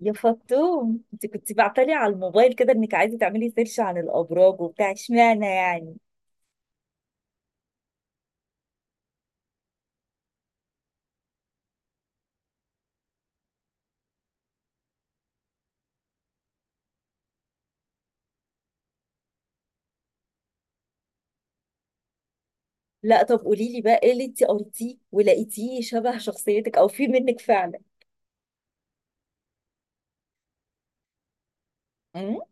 يا فطوم، انت كنت بعتلي على الموبايل كده انك عايزه تعملي سيرش عن الابراج وبتاع، اشمعنى يعني؟ لا طب قولي لي بقى ايه اللي انت قريتيه ولقيتيه شبه شخصيتك او في منك فعلا؟ امم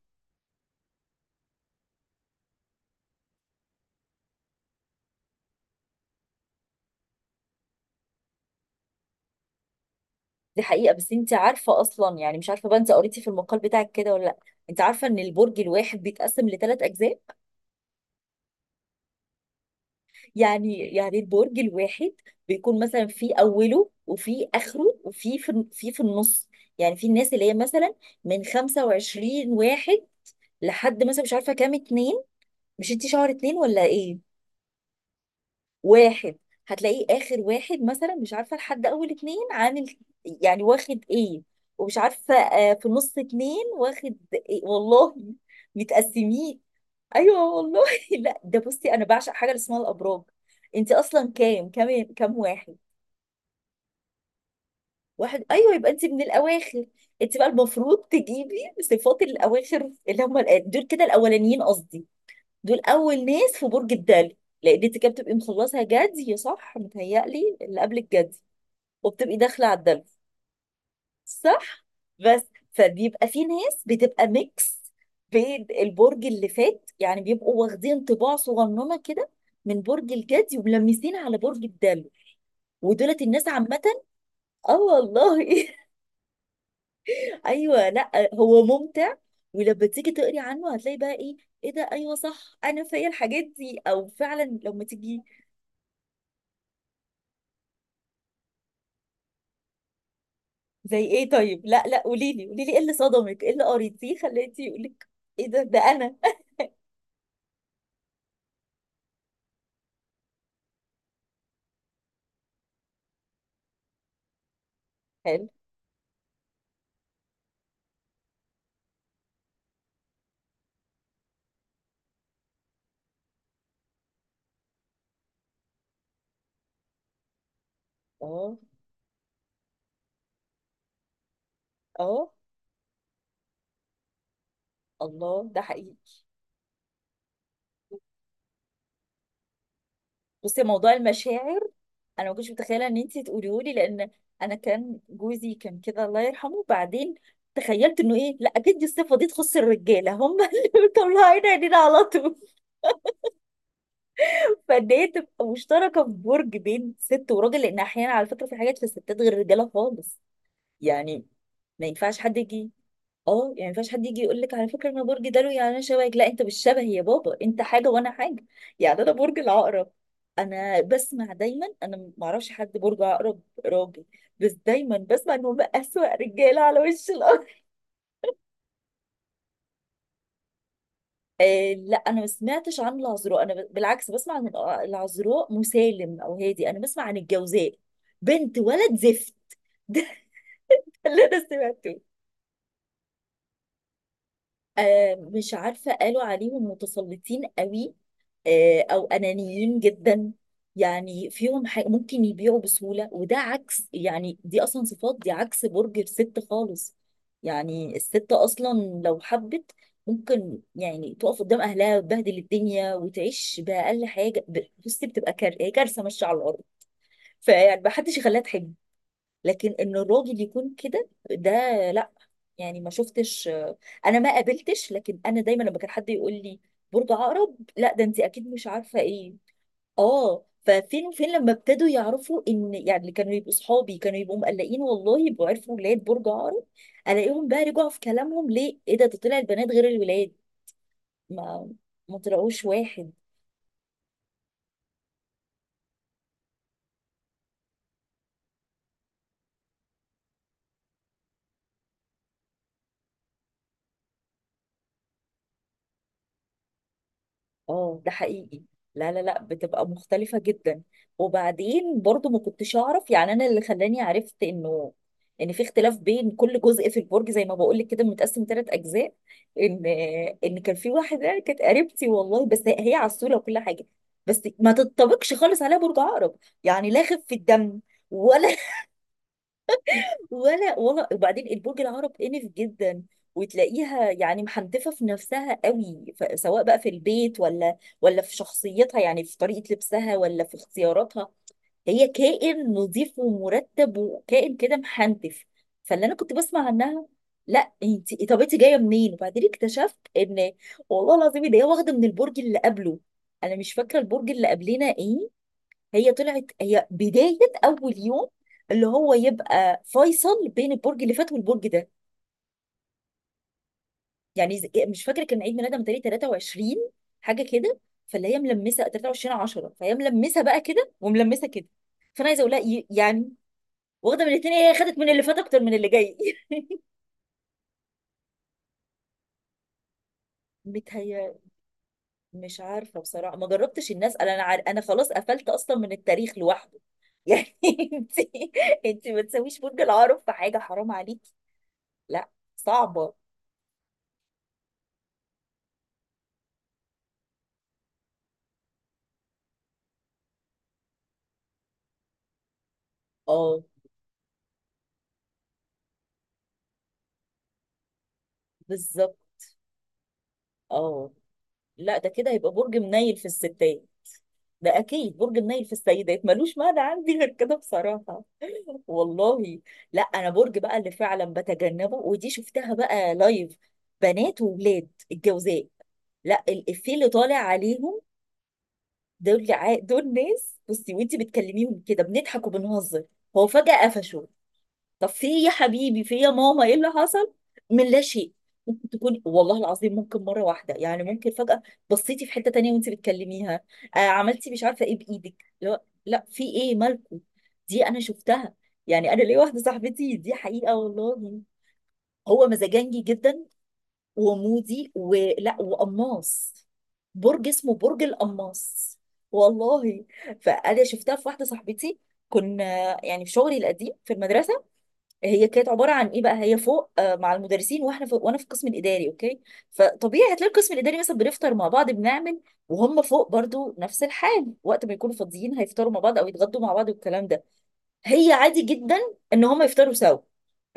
دي حقيقه، بس انت عارفه اصلا؟ يعني مش عارفه بقى انت قريتي في المقال بتاعك كده ولا لا. انت عارفه ان البرج الواحد بيتقسم لثلاث اجزاء؟ يعني البرج الواحد بيكون مثلا في اوله وفي اخره وفي في النص. يعني في الناس اللي هي مثلا من 25 واحد لحد مثلا مش عارفه كام، اتنين. مش انت شهر اتنين ولا ايه؟ واحد، هتلاقيه اخر واحد مثلا مش عارفه لحد اول اتنين، عامل يعني واخد ايه، ومش عارفه في نص اتنين واخد إيه والله. متقسمين. ايوه والله. لا ده بصي، انا بعشق حاجه اللي اسمها الابراج. انت اصلا كام واحد؟ واحد، ايوه، يبقى انت من الاواخر. انت بقى المفروض تجيبي صفات الاواخر اللي هم دول كده. الاولانيين قصدي. دول اول ناس في برج الدلي، لان انت كده بتبقي مخلصه جدي، صح؟ متهيألي اللي قبل الجدي، وبتبقي داخله على الدلي. صح؟ بس فبيبقى في ناس بتبقى ميكس بين البرج اللي فات، يعني بيبقوا واخدين طباع صغننه كده من برج الجدي وملمسين على برج الدلي. ودولت الناس عامه. اه والله. ايوه، لا هو ممتع، ولما تيجي تقري عنه هتلاقي بقى ايه؟ ايه ده، ايوه صح، انا فيا الحاجات دي، او فعلا لما تيجي. زي ايه طيب؟ لا لا، قولي لي، قولي لي، ايه اللي صدمك، ايه اللي قريتيه خليتي يقولك ايه ده، ده انا. حلو. اه. اه. الله، ده حقيقي. بصي، موضوع المشاعر انا ما كنتش متخيله ان انت تقوليه لي، لان انا كان جوزي كان كده، الله يرحمه، بعدين تخيلت انه ايه، لا اكيد دي الصفه دي تخص الرجاله هم اللي مطلعين عينينا على طول. فان هي تبقى مشتركه في برج بين ست وراجل، لان احيانا على فكره في حاجات في الستات غير الرجاله خالص. يعني ما ينفعش حد يجي. اه يعني ما ينفعش حد يجي يقول لك على فكره انا برج دلو، يعني انا شبهك. لا، انت مش شبه يا بابا، انت حاجه وانا حاجه. يعني انا برج العقرب، انا بسمع دايما، انا ما اعرفش حد برج عقرب راجل، بس دايما بسمع ان هم اسوأ رجاله على وش الارض. آه لا، انا ما سمعتش عن العذراء، انا بالعكس بسمع عن العذراء مسالم او هادي، انا بسمع عن الجوزاء بنت ولد زفت. ده اللي انا سمعته. آه مش عارفه، قالوا عليهم متسلطين قوي، او انانيين جدا. يعني فيهم حاجة ممكن يبيعوا بسهولة، وده عكس، يعني دي اصلا صفات دي عكس برج الست خالص. يعني الست اصلا لو حبت ممكن يعني تقف قدام اهلها وتبهدل الدنيا وتعيش باقل حاجه. بصي بتبقى هي كارثه ماشيه على الارض. فيعني ما حدش يخليها تحب. لكن ان الراجل يكون كده، ده لا. يعني ما شفتش. انا ما قابلتش، لكن انا دايما لما كان حد يقول لي برج عقرب، لا ده انت اكيد مش عارفه ايه. اه ففين وفين لما ابتدوا يعرفوا ان يعني اللي كانوا يبقوا صحابي كانوا يبقوا مقلقين، والله يبقوا عرفوا ولاد برج عقرب. الاقيهم بقى رجعوا في كلامهم، ليه؟ ايه ده، ده طلع البنات غير الولاد، ما ما طلعوش واحد. اه ده حقيقي. لا لا لا، بتبقى مختلفة جدا. وبعدين برضو ما كنتش اعرف، يعني انا اللي خلاني عرفت انه ان في اختلاف بين كل جزء في البرج، زي ما بقول لك كده متقسم ثلاث اجزاء، ان ان كان في واحدة كانت قريبتي والله، بس هي عسولة وكل حاجة، بس ما تتطابقش خالص عليها برج عقرب. يعني لا خفة دم، ولا ولا ولا. وبعدين البرج العرب انف جدا، وتلاقيها يعني محنتفه في نفسها قوي، سواء بقى في البيت، ولا ولا في شخصيتها، يعني في طريقه لبسها، ولا في اختياراتها. هي كائن نظيف ومرتب، وكائن كده محنتف. فاللي انا كنت بسمع عنها، لا انت، طب انت جايه منين؟ وبعدين اكتشفت ان، والله العظيم، ان هي واخده من البرج اللي قبله. انا مش فاكره البرج اللي قبلنا ايه. هي طلعت هي بداية أول يوم اللي هو يبقى فيصل بين البرج اللي فات والبرج ده. يعني مش فاكرة كان عيد ميلادها متهيألي 23 حاجة كده. فاللي هي ملمسة 23 10، فهي ملمسة بقى كده وملمسة كده. فأنا عايزة أقول لها، يعني واخدة من الاتنين، هي خدت من اللي فات أكتر من اللي جاي. متهيألي. مش عارفة بصراحة، ما جربتش الناس. أنا أنا أنا خلاص قفلت أصلا من التاريخ لوحده. يعني أنت، أنت ما تسويش برج العقرب في حاجة، حرام عليكي. لا، صعبة. اه بالظبط. اه. لا ده كده هيبقى برج منيل في الستات. ده اكيد برج منيل في السيدات، ملوش معنى عندي غير كده بصراحه. والله. لا انا برج بقى اللي فعلا بتجنبه، ودي شفتها بقى لايف، بنات وولاد الجوزاء. لا الافيه اللي طالع عليهم. دول دول ناس بصي، وانت بتكلميهم كده بنضحك وبنهزر، هو فجأة قفشوا. طب في ايه يا حبيبي، في ايه يا ماما، ايه اللي حصل، من لا شيء؟ ممكن تكون، والله العظيم ممكن مره واحده، يعني ممكن فجاه بصيتي في حته تانية وانت بتكلميها، آه عملتي مش عارفه ايه بايدك، لا لا في ايه مالكم؟ دي انا شفتها. يعني انا ليا واحده صاحبتي، دي حقيقه والله. هو مزاجنجي جدا، ومودي، ولا وقماص، برج اسمه برج القماص والله. فانا شفتها في واحده صاحبتي، كنا يعني في شغلي القديم في المدرسه. هي كانت عباره عن ايه بقى، هي فوق مع المدرسين، واحنا في، وانا في القسم الاداري، اوكي. فطبيعي هتلاقي القسم الاداري مثلا بنفطر مع بعض، بنعمل، وهم فوق برضو نفس الحال، وقت ما يكونوا فاضيين هيفطروا مع بعض او يتغدوا مع بعض والكلام ده. هي عادي جدا ان هم يفطروا سوا،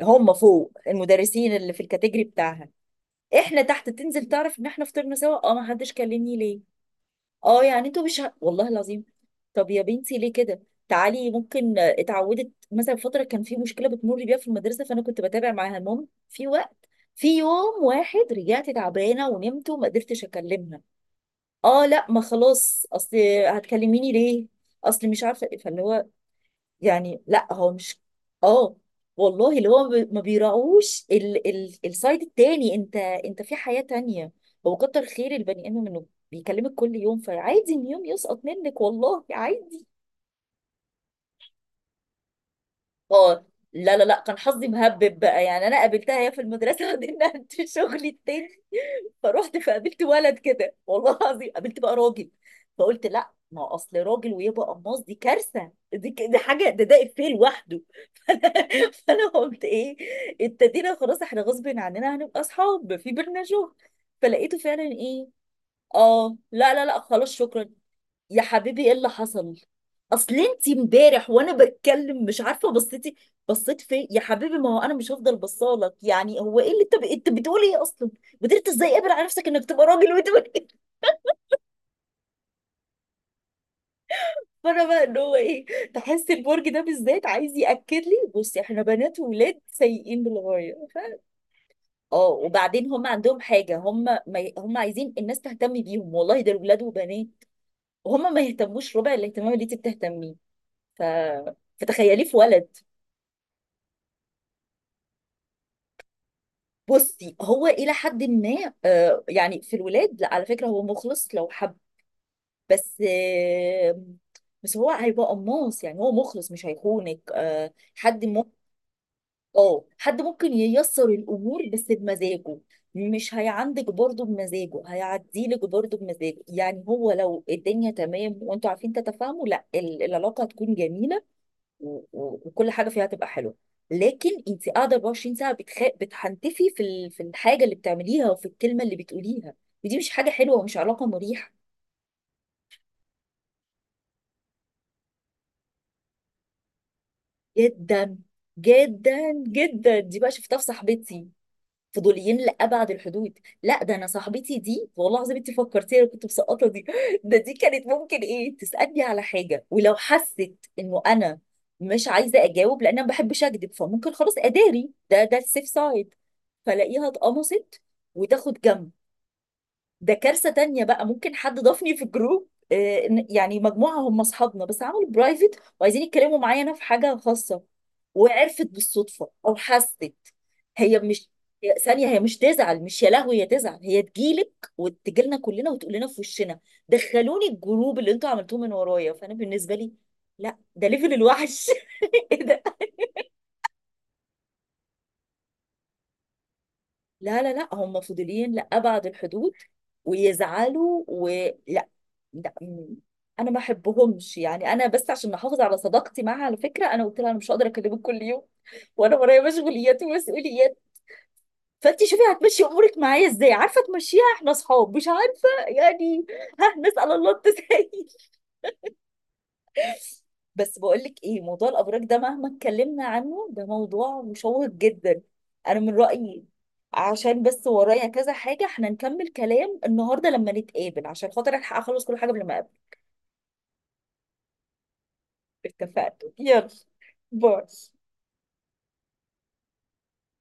هم فوق المدرسين اللي في الكاتيجري بتاعها، احنا تحت. تنزل تعرف ان احنا فطرنا سوا، اه ما حدش كلمني ليه؟ اه، يعني انتوا مش والله العظيم. طب يا بنتي ليه كده؟ تعالي ممكن، اتعودت مثلا فتره كان في مشكله بتمر بيها في المدرسه، فانا كنت بتابع معاها. المهم في وقت، في يوم واحد رجعت تعبانه ونمت وما قدرتش اكلمها. اه لا، ما خلاص، اصل هتكلميني ليه، اصل مش عارفه إيه. فاللي هو يعني لا هو مش، اه والله اللي هو ما بيراعوش السايد التاني، انت انت في حياة تانية. هو كتر خير البني ادم انه بيكلمك كل يوم، فعادي ان يوم يسقط منك والله، عادي. اه لا لا لا، كان حظي مهبب بقى، يعني انا قابلتها هي في المدرسه عندنا في شغلي التاني. فروحت فقابلت ولد كده، والله العظيم قابلت بقى راجل، فقلت لا، ما هو اصل راجل ويبقى قماص، دي كارثه، دي دي حاجه، ده ده افيه لوحده. فانا قلت ايه، ابتدينا خلاص احنا غصب عننا هنبقى اصحاب، في بينا شغل. فلقيته فعلا ايه، اه لا لا لا، خلاص شكرا. يا حبيبي ايه اللي حصل؟ اصل انت امبارح وانا بتكلم مش عارفه بصيتي، بصيت فين يا حبيبي، ما هو انا مش هفضل بصالك يعني. هو ايه اللي انت انت بتقول ايه اصلا؟ قدرت ازاي قابل على نفسك انك تبقى راجل وتقول إيه؟ فانا بقى ان هو ايه، تحس البرج ده بالذات عايز ياكد لي بصي احنا بنات وولاد سيئين للغايه. اه. وبعدين هم عندهم حاجة، هم ما ي- هم عايزين الناس تهتم بيهم والله، ده ولاد وبنات، وهم ما يهتموش ربع الاهتمام اللي انت بتهتميه. ف... فتخيليه في ولد. بصي هو إلى حد ما آه يعني في الولاد، لا على فكرة هو مخلص لو حب. بس آه، بس هو هيبقى قماص، يعني هو مخلص مش هيخونك، آه حد ممكن، اه حد ممكن ييسر الامور بس بمزاجه. مش هيعندك برضه بمزاجه، هيعديلك برضه بمزاجه، يعني هو لو الدنيا تمام وانتوا عارفين تتفاهموا، لا العلاقه هتكون جميله، وكل حاجه فيها هتبقى حلوه. لكن انت قاعده 24 ساعه بتحنتفي في في الحاجه اللي بتعمليها وفي الكلمه اللي بتقوليها، ودي مش حاجه حلوه، ومش علاقه مريحه. جدا جدا جدا، دي بقى شفتها في صاحبتي، فضوليين لأبعد الحدود. لا ده أنا صاحبتي دي والله العظيم، أنت فكرتيها، أنا كنت مسقطة دي. ده دي كانت ممكن إيه، تسألني على حاجة ولو حست إنه أنا مش عايزة أجاوب، لأن أنا ما بحبش أكذب، فممكن خلاص أداري، ده ده السيف سايد. فلاقيها اتقمصت وتاخد جنب. ده كارثة تانية بقى، ممكن حد ضافني في جروب، يعني مجموعة هم أصحابنا بس عملوا برايفت، وعايزين يتكلموا معايا أنا في حاجة خاصة، وعرفت بالصدفة أو حست. هي مش، ثانية، هي مش تزعل، مش يا لهوي، هي تزعل، هي تجيلك وتجيلنا كلنا وتقول لنا في وشنا: دخلوني الجروب اللي انتوا عملتوه من ورايا. فأنا بالنسبة لي، لا ده ليفل الوحش. لا لا لا، هم فضوليين لأبعد الحدود، ويزعلوا ولا لا. م- انا ما بحبهمش يعني، انا بس عشان احافظ على صداقتي معاها، على فكره انا قلت لها انا مش هقدر اكلمك كل يوم، وانا ورايا مشغوليات ومسؤوليات. فانت شوفي هتمشي امورك معايا ازاي، عارفه تمشيها احنا اصحاب، مش عارفه يعني. ها نسال الله التسهيل. بس بقولك ايه، موضوع الابراج ده مهما اتكلمنا عنه، ده موضوع مشوق جدا، انا من رايي. عشان بس ورايا كذا حاجه، احنا نكمل كلام النهارده لما نتقابل عشان خاطر الحق اخلص كل حاجه قبل ما اقابل. اتفقنا، يلا، باي.